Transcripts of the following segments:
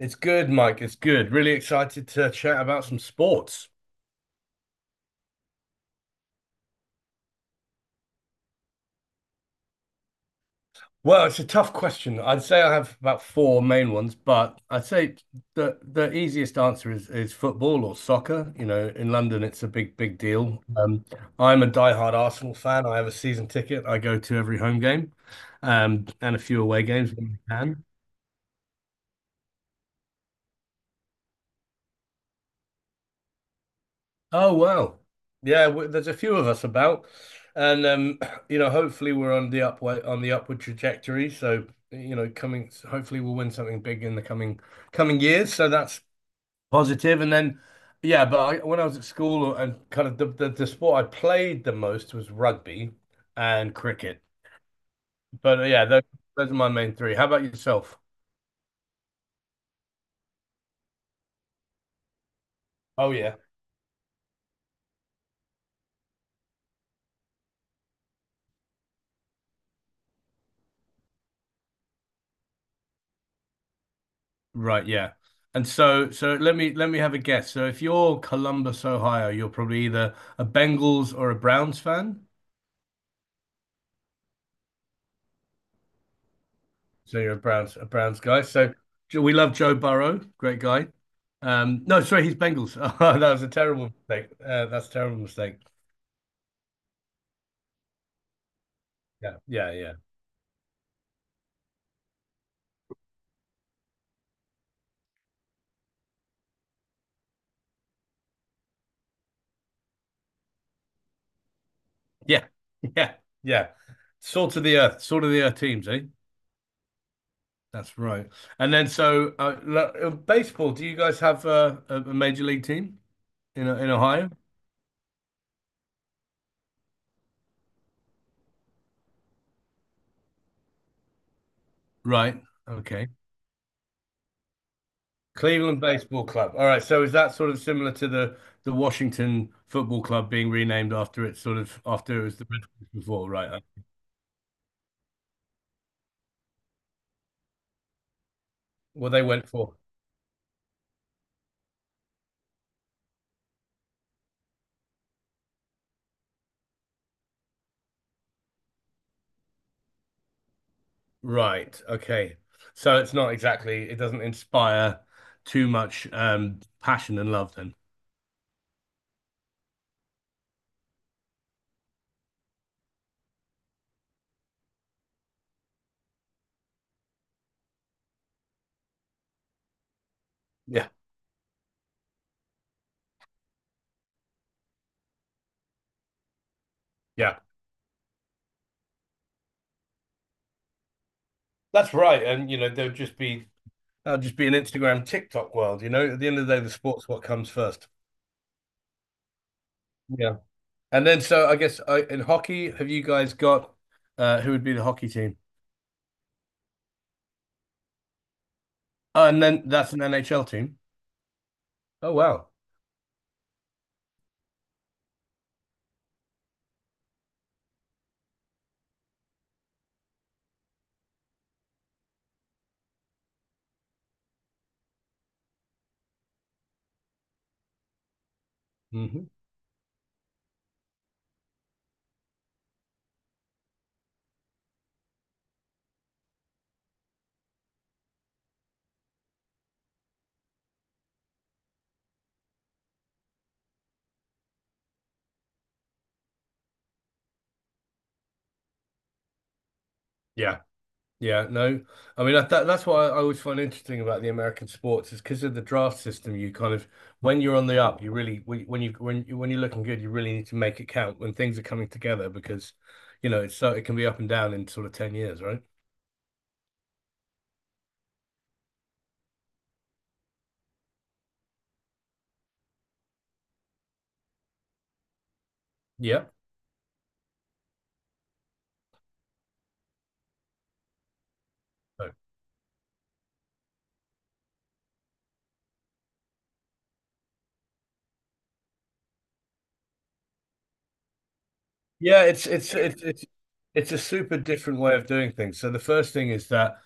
It's good, Mike. It's good. Really excited to chat about some sports. Well, it's a tough question. I'd say I have about four main ones, but I'd say the easiest answer is football or soccer. You know, in London, it's a big, big deal. I'm a diehard Arsenal fan. I have a season ticket. I go to every home game, and a few away games when I can. Oh wow. Yeah, w there's a few of us about, and you know, hopefully we're on the upward trajectory. So, you know, coming hopefully we'll win something big in the coming years. So that's positive. And then, yeah, when I was at school and the sport I played the most was rugby and cricket. But yeah, those are my main three. How about yourself? Oh yeah. Right, yeah. And so let me have a guess. So if you're Columbus, Ohio, you're probably either a Bengals or a Browns fan. So you're a Browns guy. So we love Joe Burrow, great guy. No, sorry, he's Bengals. Oh, that was a terrible mistake. That's a terrible mistake. Yeah, yeah, yeah. Yeah, yeah, yeah. Salt of the earth, salt of the earth teams, eh? That's right. And then so baseball, do you guys have a major league team in Ohio? Right. Okay. Cleveland Baseball Club. All right. So is that sort of similar to the Washington Football Club being renamed after it was the Redskins before, right? Well, they went for right. Okay. So it's not exactly it doesn't inspire too much passion and love then. Yeah. Yeah. That's right. And you know, there'll just be that'll just be an Instagram TikTok world, you know. At the end of the day, the sport's what comes first. Yeah. And then so I guess in hockey, have you guys got who would be the hockey team? Oh, and then that's an NHL team. Oh wow. hmm Yeah, yeah, no. I mean, that's what I always find interesting about the American sports is because of the draft system. You kind of, when you're on the up, you really when you when you when you're looking good, you really need to make it count when things are coming together because, you know, it's so it can be up and down in sort of 10 years, right? Yeah. Yeah, it's it's a super different way of doing things. So the first thing is that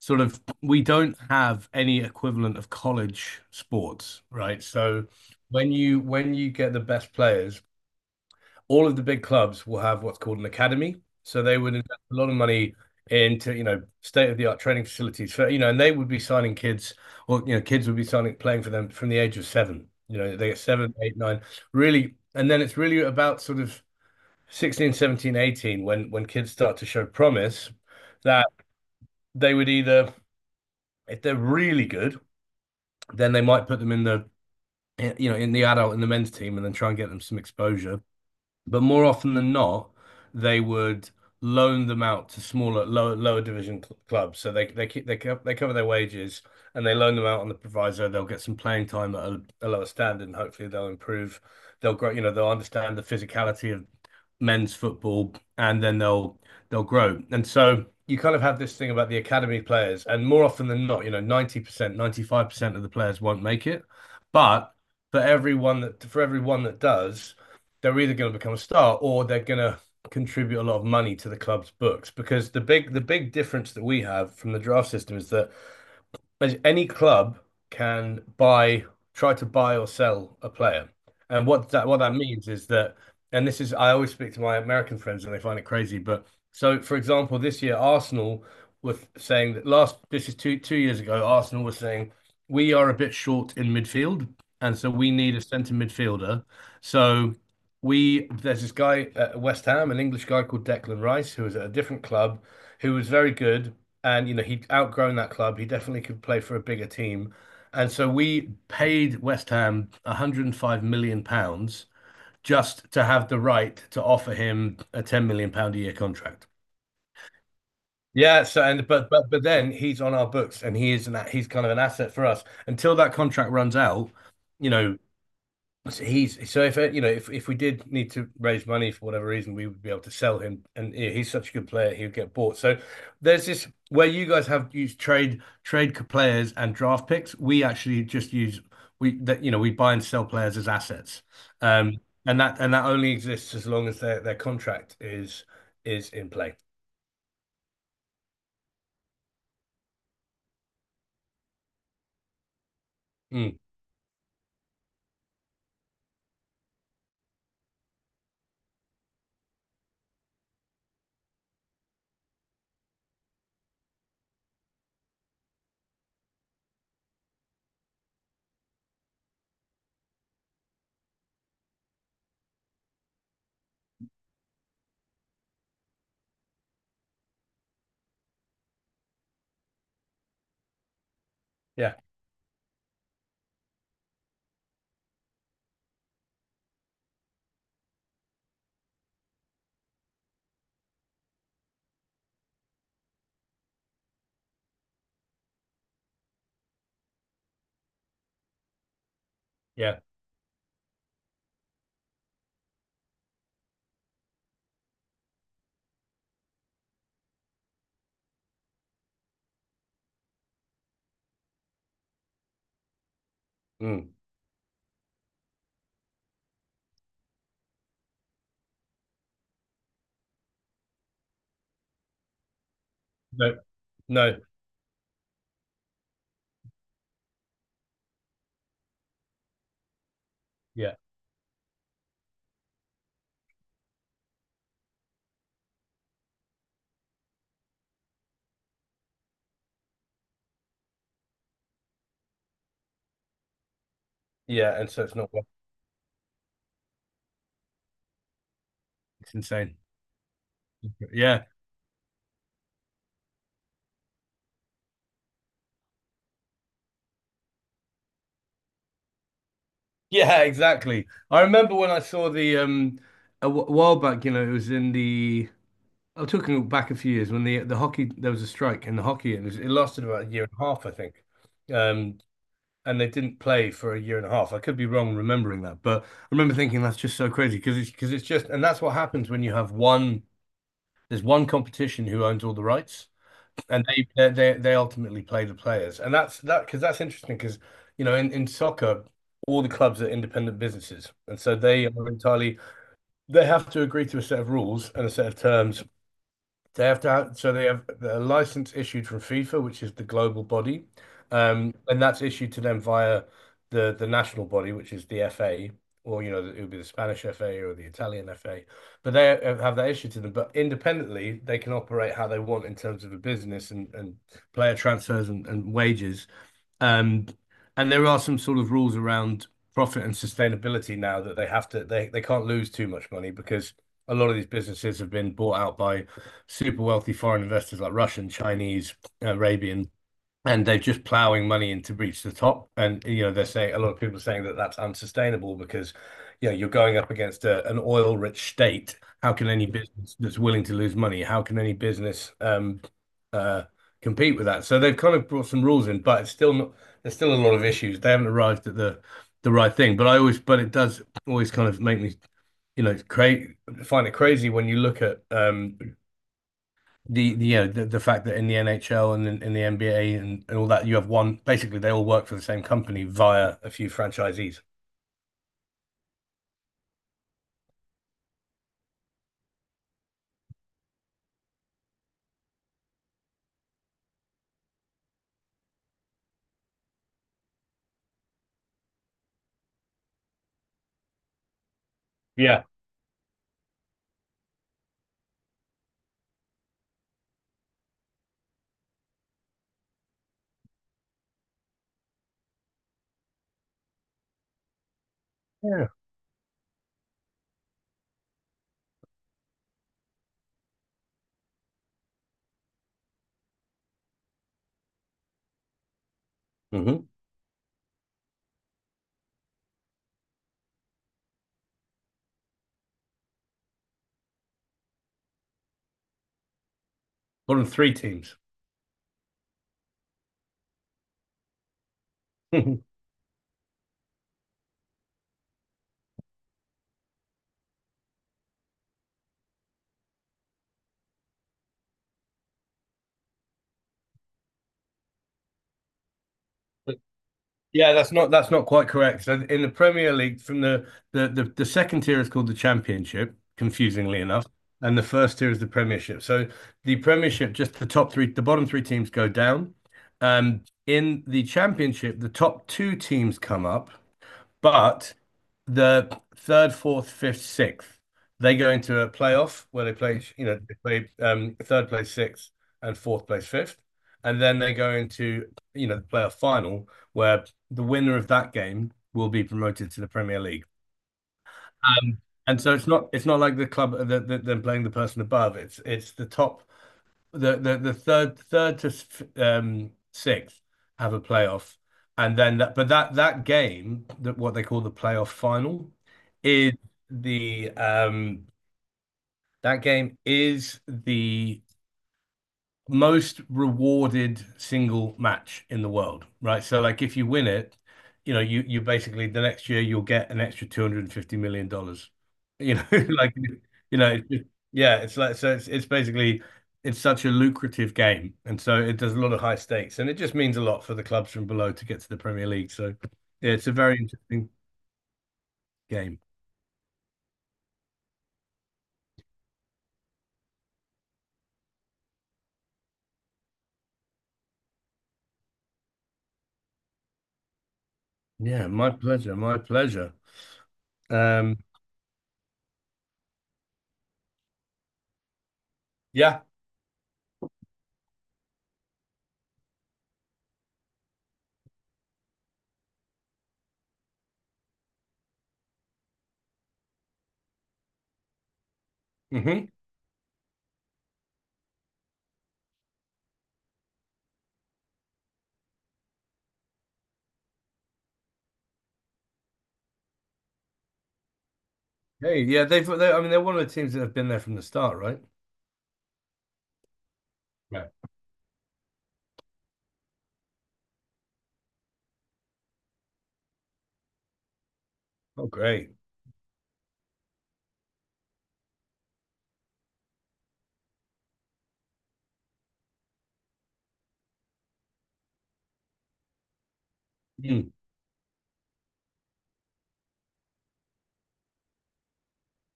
sort of we don't have any equivalent of college sports, right? So when you get the best players, all of the big clubs will have what's called an academy. So they would invest a lot of money into, you know, state-of-the-art training facilities for, you know, and they would be signing kids or, you know, kids would be signing playing for them from the age of 7. You know, they get 7, 8, 9, really, and then it's really about sort of 16 17, 18, when kids start to show promise, that they would either, if they're really good, then they might put them in the men's team and then try and get them some exposure. But more often than not, they would loan them out to smaller, lower division cl clubs. So they cover their wages and they loan them out on the proviso. They'll get some playing time at a lower standard, and hopefully they'll improve. They'll grow. You know, they'll understand the physicality of men's football, and then they'll grow. And so you kind of have this thing about the academy players, and more often than not, you know, 90%, 95% of the players won't make it, but for everyone that does they're either going to become a star or they're going to contribute a lot of money to the club's books because the big difference that we have from the draft system is that any club can buy, try to buy or sell a player. And what that means is that, and this is I always speak to my American friends and they find it crazy. But so, for example, this year Arsenal was saying that last this is two years ago, Arsenal was saying we are a bit short in midfield, and so we need a centre midfielder. So we there's this guy at West Ham, an English guy called Declan Rice, who was at a different club, who was very good and you know he'd outgrown that club. He definitely could play for a bigger team, and so we paid West Ham 105 million pounds just to have the right to offer him a 10 million pound a year contract. Yeah, so and but then he's on our books and he's kind of an asset for us until that contract runs out. You know, so He's so if you know if we did need to raise money for whatever reason, we would be able to sell him, and yeah, he's such a good player, he would get bought. So there's this where you guys have used trade players and draft picks. We actually just use we that you know we buy and sell players as assets, um, and that only exists as long as their contract is in play. Mm, yeah, yeah. Mm. No, no, yeah, yeah, and so it's not. It's insane. Yeah. Yeah, exactly. I remember when I saw the while back, you know, it was in the I'm talking back a few years when the hockey there was a strike in the hockey and it lasted about a year and a half, I think. Um and they didn't play for a year and a half. I could be wrong remembering that, but I remember thinking that's just so crazy because it's just and that's what happens when you have one there's one competition who owns all the rights and they ultimately play the players, and that's that because that's interesting because you know in soccer all the clubs are independent businesses, and so they are entirely they have to agree to a set of rules and a set of terms they have to have, so they have a license issued from FIFA, which is the global body, and that's issued to them via the national body, which is the FA, or you know it would be the Spanish FA or the Italian FA. But they have that issued to them. But independently, they can operate how they want in terms of a business and player transfers and wages. Um, and there are some sort of rules around profit and sustainability now that they have to they can't lose too much money because a lot of these businesses have been bought out by super wealthy foreign investors like Russian, Chinese, Arabian, and they're just plowing money in to reach the top. And you know, they're saying a lot of people are saying that that's unsustainable because you know you're going up against an oil-rich state. How can any business that's willing to lose money? How can any business uh, compete with that? So they've kind of brought some rules in, but it's still not. There's still a lot of issues. They haven't arrived at the right thing. But it does always kind of make me you know, find it crazy when you look at the the fact that in the NHL and in the NBA and all that you have one basically they all work for the same company via a few franchisees. Yeah. Yeah. Mm-hmm. Bottom three teams. But yeah, that's not quite correct. So in the Premier League, from the second tier is called the Championship, confusingly enough, and the first tier is the Premiership. So the Premiership, just the top three, the bottom three teams go down. In the Championship, the top two teams come up. But the third, fourth, fifth, sixth, they go into a playoff where they play, you know, they play third place, sixth, and fourth place, fifth. And then they go into, you know, the playoff final where the winner of that game will be promoted to the Premier League. Um, and so it's not like the club that that are playing the person above. It's the top, the third to sixth have a playoff. And then that but that game, that what they call the playoff final, is the that game is the most rewarded single match in the world, right? So like if you win it, you know, you basically the next year you'll get an extra $250 million. Dollars. You know, like it's just, yeah, it's like, so it's basically it's such a lucrative game. And so it does a lot of high stakes, and it just means a lot for the clubs from below to get to the Premier League. So yeah, it's a very interesting game. Yeah, my pleasure, my pleasure. Um yeah. mm hmm Hey, yeah, I mean they're one of the teams that have been there from the start, right? Yeah. Oh, great. Mm.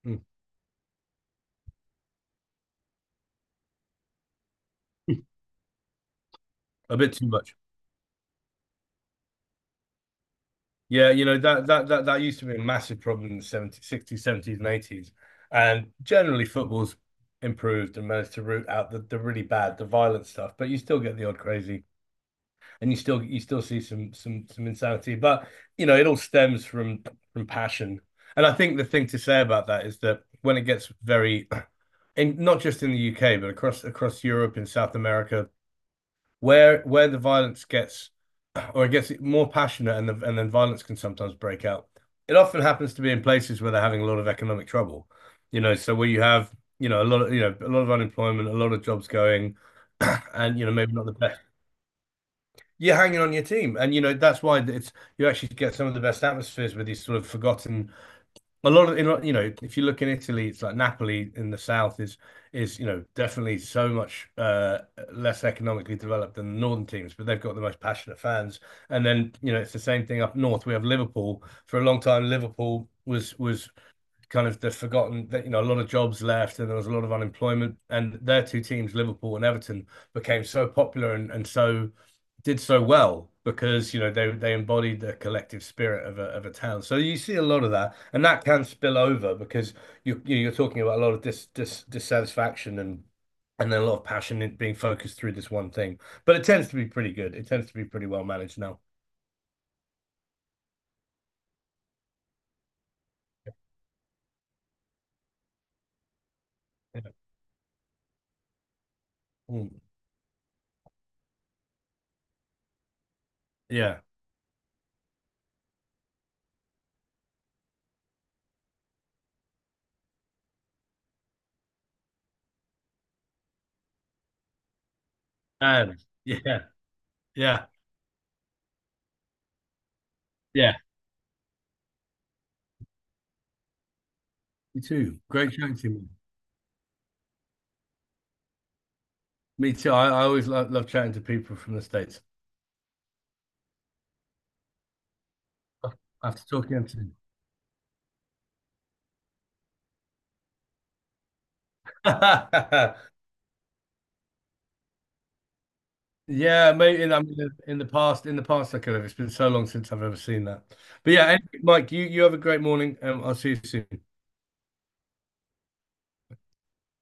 Mm. A bit too much. Yeah, you know, that used to be a massive problem in the 70s, 60s, 70s, and 80s. And generally football's improved and managed to root out the really bad, the violent stuff, but you still get the odd crazy, and you still, you still see some insanity. But you know, it all stems from passion. And I think the thing to say about that is that when it gets very, and not just in the UK, but across Europe, in South America, where the violence gets, or it gets more passionate and and then violence can sometimes break out. It often happens to be in places where they're having a lot of economic trouble, you know. So where you have, you know, a lot of, a lot of unemployment, a lot of jobs going, and you know maybe not the best. You're hanging on your team, and you know that's why it's, you actually get some of the best atmospheres with these sort of forgotten, a lot of, you know, if you look in Italy, it's like Napoli in the south is, you know, definitely so much less economically developed than the northern teams, but they've got the most passionate fans. And then, you know, it's the same thing up north. We have Liverpool. For a long time, Liverpool was kind of the forgotten, that you know a lot of jobs left and there was a lot of unemployment, and their two teams, Liverpool and Everton, became so popular and so, did so well because you know they embodied the collective spirit of a town. So you see a lot of that, and that can spill over because you, you're talking about a lot of dissatisfaction and then a lot of passion in being focused through this one thing. But it tends to be pretty good, it tends to be pretty well managed now. Yeah. Yeah. And yeah. Yeah, yeah. You too. Great chatting to you, man. Me too. I always love, love chatting to people from the States. I have to talk again soon. Yeah, mate. I mean, in the past, I could have. It's been so long since I've ever seen that. But yeah, anyway, Mike, you have a great morning, and I'll see you soon.